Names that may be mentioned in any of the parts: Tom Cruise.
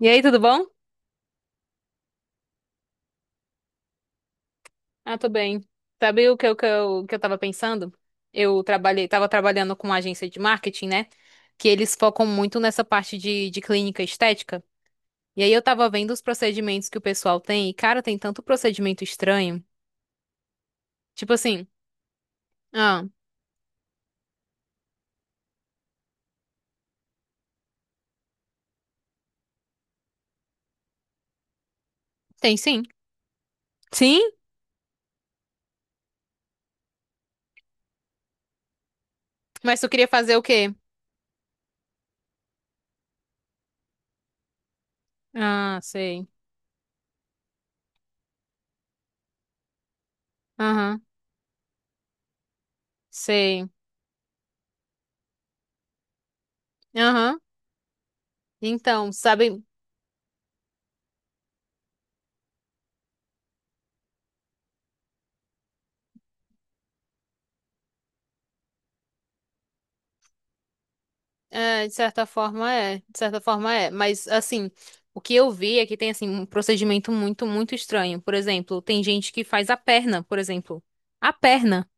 E aí, tudo bom? Ah, tô bem. Sabe o que eu tava pensando? Tava trabalhando com uma agência de marketing, né? Que eles focam muito nessa parte de clínica estética. E aí eu tava vendo os procedimentos que o pessoal tem, e, cara, tem tanto procedimento estranho. Tipo assim. ah, Tem sim. Sim? Mas tu queria fazer o quê? Ah, sei. Aham, sei. Aham. Então, sabe. É, de certa forma é, de certa forma é, mas assim, o que eu vi é que tem assim um procedimento muito, muito estranho. Por exemplo, tem gente que faz a perna, por exemplo. A perna.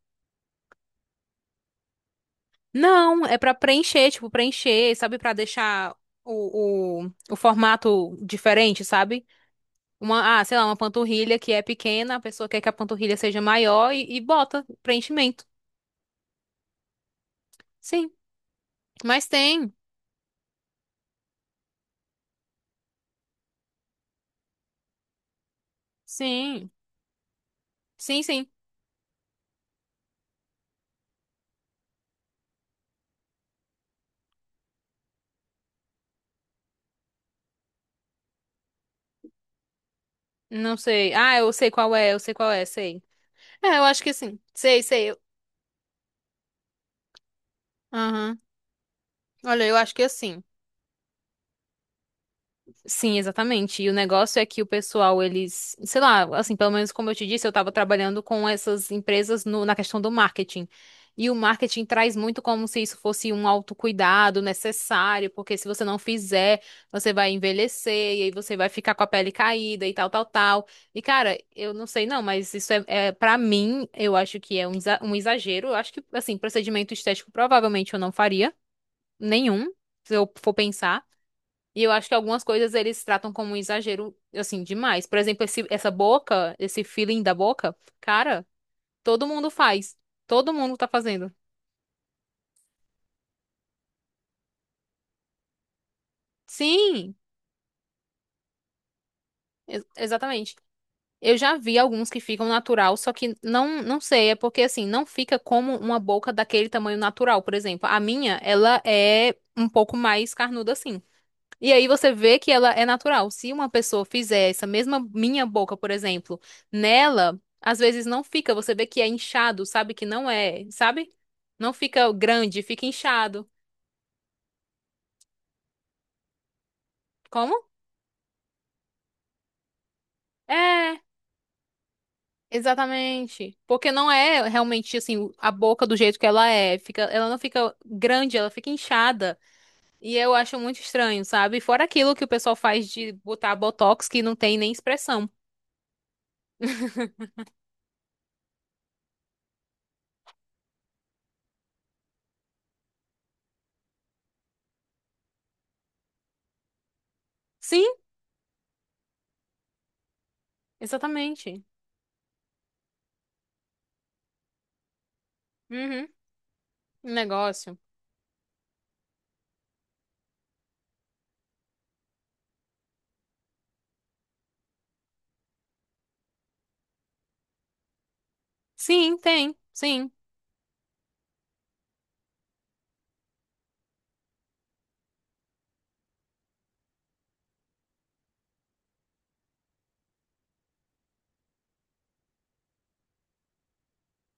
Não, é pra preencher, tipo, preencher, sabe, pra deixar o, o formato diferente, sabe? Uma, ah, sei lá, uma panturrilha que é pequena, a pessoa quer que a panturrilha seja maior e bota preenchimento. Sim, mas tem. Sim. Sim, sim. Não sei. Ah, eu sei qual é, eu sei qual é, sei. É, eu acho que sim. Sei, sei. Aham. Olha, eu acho que assim. Sim, exatamente. E o negócio é que o pessoal, eles, sei lá, assim, pelo menos como eu te disse, eu tava trabalhando com essas empresas na questão do marketing. E o marketing traz muito como se isso fosse um autocuidado necessário, porque se você não fizer, você vai envelhecer, e aí você vai ficar com a pele caída e tal, tal, tal. E, cara, eu não sei não, mas isso é, é para mim, eu acho que é um um exagero. Eu acho que, assim, procedimento estético provavelmente eu não faria nenhum, se eu for pensar. E eu acho que algumas coisas eles tratam como um exagero, assim, demais. Por exemplo, essa boca, esse feeling da boca, cara, todo mundo faz. Todo mundo tá fazendo. Sim, exatamente. Eu já vi alguns que ficam natural, só que não sei, é porque assim, não fica como uma boca daquele tamanho natural, por exemplo. A minha, ela é um pouco mais carnuda assim. E aí você vê que ela é natural. Se uma pessoa fizer essa mesma minha boca, por exemplo, nela, às vezes não fica. Você vê que é inchado, sabe que não é, sabe? Não fica grande, fica inchado. Como? É, exatamente. Porque não é realmente assim a boca do jeito que ela é. Fica, ela não fica grande, ela fica inchada. E eu acho muito estranho, sabe? Fora aquilo que o pessoal faz de botar botox que não tem nem expressão. Sim, exatamente. Uhum, um negócio. Sim, tem, sim.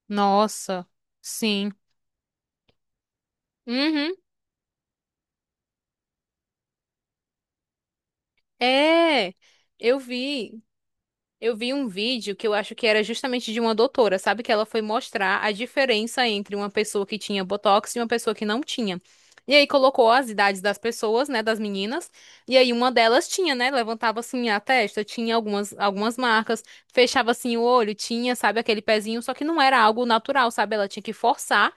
Nossa, sim. Uhum. É, eu vi, eu vi um vídeo que eu acho que era justamente de uma doutora, sabe? Que ela foi mostrar a diferença entre uma pessoa que tinha botox e uma pessoa que não tinha. E aí colocou as idades das pessoas, né, das meninas, e aí uma delas tinha, né, levantava assim a testa, tinha algumas marcas, fechava assim o olho, tinha, sabe, aquele pezinho, só que não era algo natural, sabe? Ela tinha que forçar.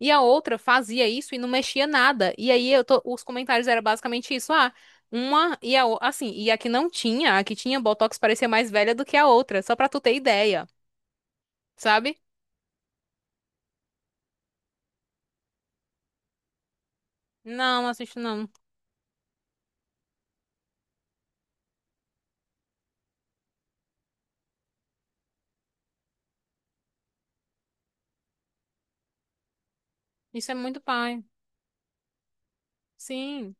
E a outra fazia isso e não mexia nada. E aí os comentários eram basicamente isso. Ah, uma e a outra. Assim, e a que não tinha, a que tinha Botox parecia mais velha do que a outra. Só pra tu ter ideia, sabe? Não, não assisto não. Isso é muito pai. Sim.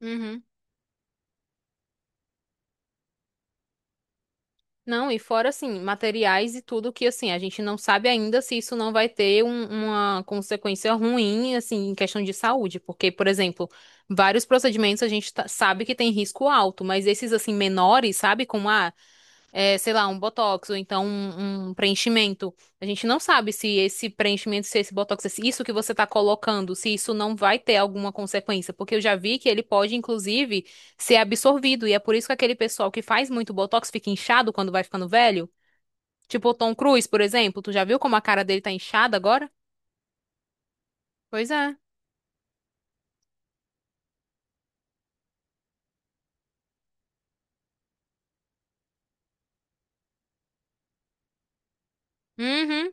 Uhum. Não, e fora assim, materiais e tudo que assim, a gente não sabe ainda se isso não vai ter uma consequência ruim, assim, em questão de saúde. Porque, por exemplo, vários procedimentos a gente sabe que tem risco alto, mas esses assim menores, sabe, como a é, sei lá, um botox ou então um preenchimento. A gente não sabe se esse preenchimento, se esse botox, se isso que você está colocando, se isso não vai ter alguma consequência, porque eu já vi que ele pode, inclusive, ser absorvido, e é por isso que aquele pessoal que faz muito botox fica inchado quando vai ficando velho. Tipo o Tom Cruise, por exemplo, tu já viu como a cara dele tá inchada agora? Pois é. Uhum.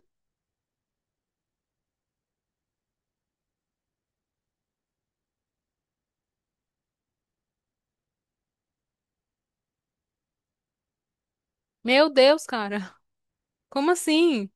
Meu Deus, cara. Como assim?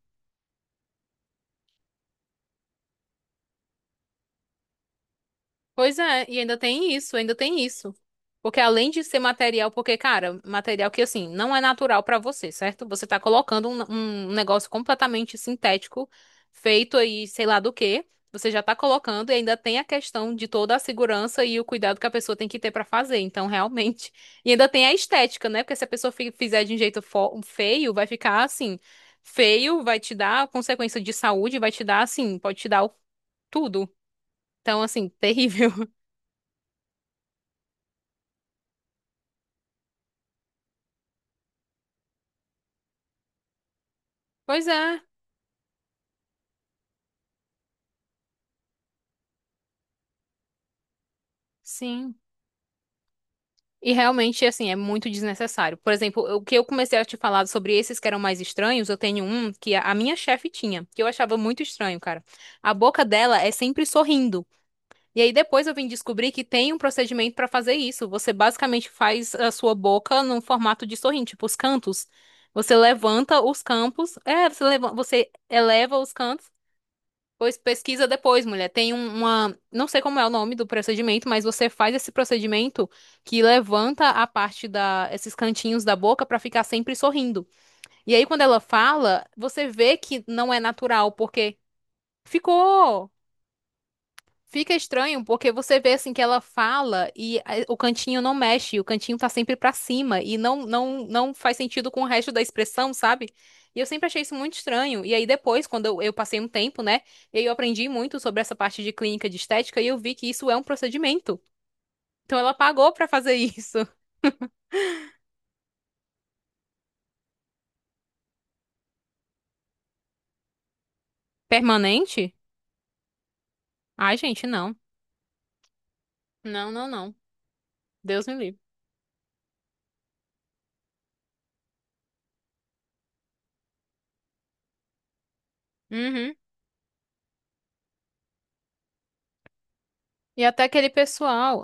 Pois é, e ainda tem isso, ainda tem isso. Porque além de ser material, porque, cara, material que assim, não é natural pra você, certo? Você tá colocando um negócio completamente sintético, feito aí, sei lá do quê. Você já tá colocando e ainda tem a questão de toda a segurança e o cuidado que a pessoa tem que ter pra fazer. Então, realmente. E ainda tem a estética, né? Porque se a pessoa fizer de um jeito feio, vai ficar assim. Feio, vai te dar consequência de saúde, vai te dar assim, pode te dar tudo. Então, assim, terrível. Pois é, sim. E realmente, assim, é muito desnecessário. Por exemplo, o que eu comecei a te falar sobre esses que eram mais estranhos, eu tenho um que a minha chefe tinha, que eu achava muito estranho, cara. A boca dela é sempre sorrindo. E aí depois eu vim descobrir que tem um procedimento pra fazer isso. Você basicamente faz a sua boca num formato de sorrindo, tipo os cantos. Você levanta os campos, é, você leva, você eleva os cantos. Pois pesquisa depois, mulher. Tem uma, não sei como é o nome do procedimento, mas você faz esse procedimento que levanta a parte da, esses cantinhos da boca pra ficar sempre sorrindo. E aí quando ela fala, você vê que não é natural, porque ficou. Fica estranho porque você vê assim que ela fala e o cantinho não mexe, o cantinho tá sempre pra cima e não faz sentido com o resto da expressão, sabe? E eu sempre achei isso muito estranho. E aí depois, quando eu passei um tempo, né, e aí eu aprendi muito sobre essa parte de clínica de estética e eu vi que isso é um procedimento. Então ela pagou pra fazer isso. Permanente? Ai, gente, não. Não, não, não. Deus me livre. Uhum. E até aquele pessoal.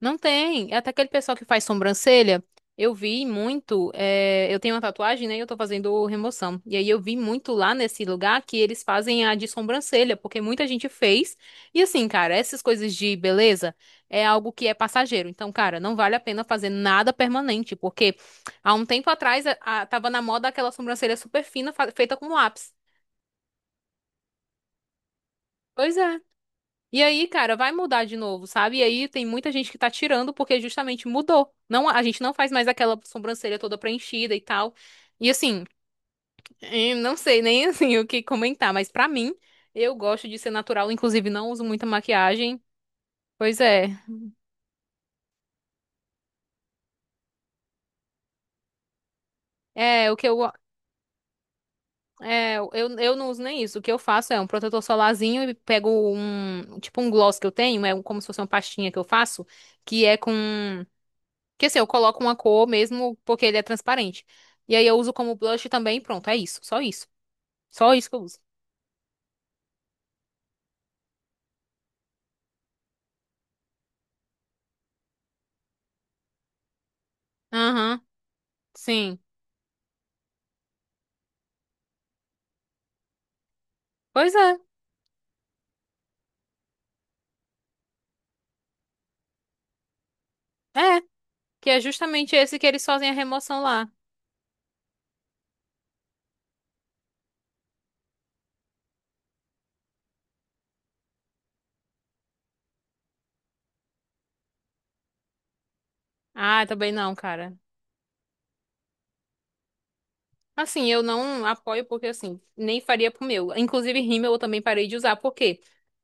Não tem. É. Até aquele pessoal que faz sobrancelha, eu vi muito. Eu tenho uma tatuagem, né? E eu tô fazendo remoção. E aí eu vi muito lá nesse lugar que eles fazem a de sobrancelha, porque muita gente fez. E assim, cara, essas coisas de beleza é algo que é passageiro. Então, cara, não vale a pena fazer nada permanente, porque há um tempo atrás tava na moda aquela sobrancelha super fina feita com lápis. Pois é. E aí, cara, vai mudar de novo, sabe? E aí tem muita gente que tá tirando porque justamente mudou. Não, a gente não faz mais aquela sobrancelha toda preenchida e tal. E assim, não sei nem assim o que comentar, mas pra mim, eu gosto de ser natural, inclusive não uso muita maquiagem. Pois é. É, o que eu é, eu, eu não uso nem isso. O que eu faço é um protetor solarzinho e pego um, tipo um gloss que eu tenho, é como se fosse uma pastinha que eu faço, que é com. Que assim, eu coloco uma cor mesmo porque ele é transparente. E aí eu uso como blush também, pronto, é isso, só isso. Só isso que eu uso. Aham, sim. Pois é, é, que é justamente esse que eles fazem a remoção lá. Ah, também não, cara. Assim, eu não apoio porque assim, nem faria pro meu. Inclusive, rímel eu também parei de usar, porque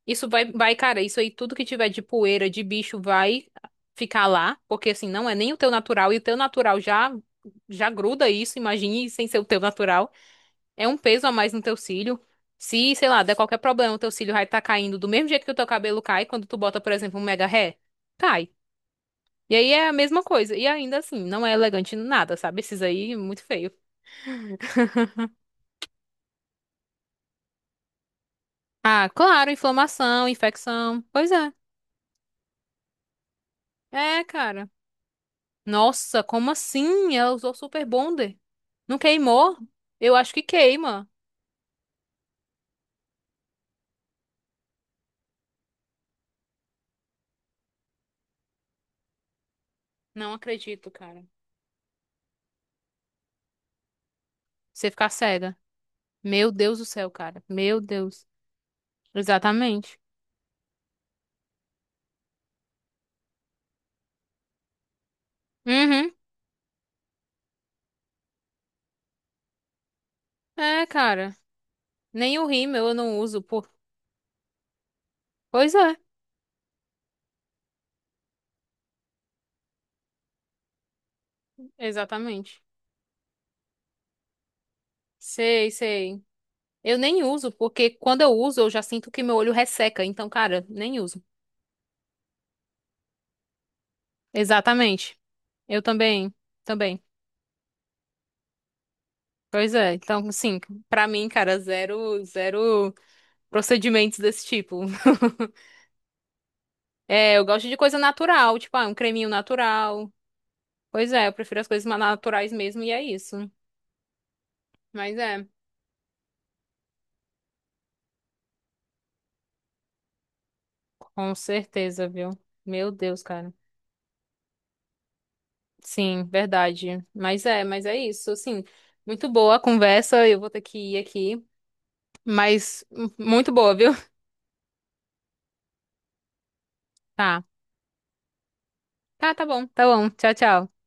isso vai, cara, isso aí tudo que tiver de poeira, de bicho vai ficar lá, porque assim, não é nem o teu natural e o teu natural já gruda isso, imagine sem ser o teu natural. É um peso a mais no teu cílio. Se, sei lá, der qualquer problema, o teu cílio vai estar caindo do mesmo jeito que o teu cabelo cai quando tu bota, por exemplo, um mega ré. Cai. E aí é a mesma coisa. E ainda assim, não é elegante nada, sabe? Esses aí, muito feio. Ah, claro, inflamação, infecção. Pois é. É, cara. Nossa, como assim? Ela usou Super Bonder. Não queimou? Eu acho que queima. Não acredito, cara. Você ficar cega. Meu Deus do céu, cara. Meu Deus. Exatamente. Uhum. É, cara. Nem o rímel eu não uso, por... Pois é, exatamente. Sei, sei. Eu nem uso, porque quando eu uso, eu já sinto que meu olho resseca. Então, cara, nem uso. Exatamente. Eu também, também. Pois é. Então, assim, pra mim, cara, zero, zero procedimentos desse tipo. É, eu gosto de coisa natural, tipo, ah, um creminho natural. Pois é, eu prefiro as coisas mais naturais mesmo, e é isso. Mas é, com certeza, viu? Meu Deus, cara. Sim, verdade. Mas é isso. Assim, muito boa a conversa. Eu vou ter que ir aqui, mas muito boa, viu? Tá. Tá, tá bom. Tá bom. Tchau, tchau.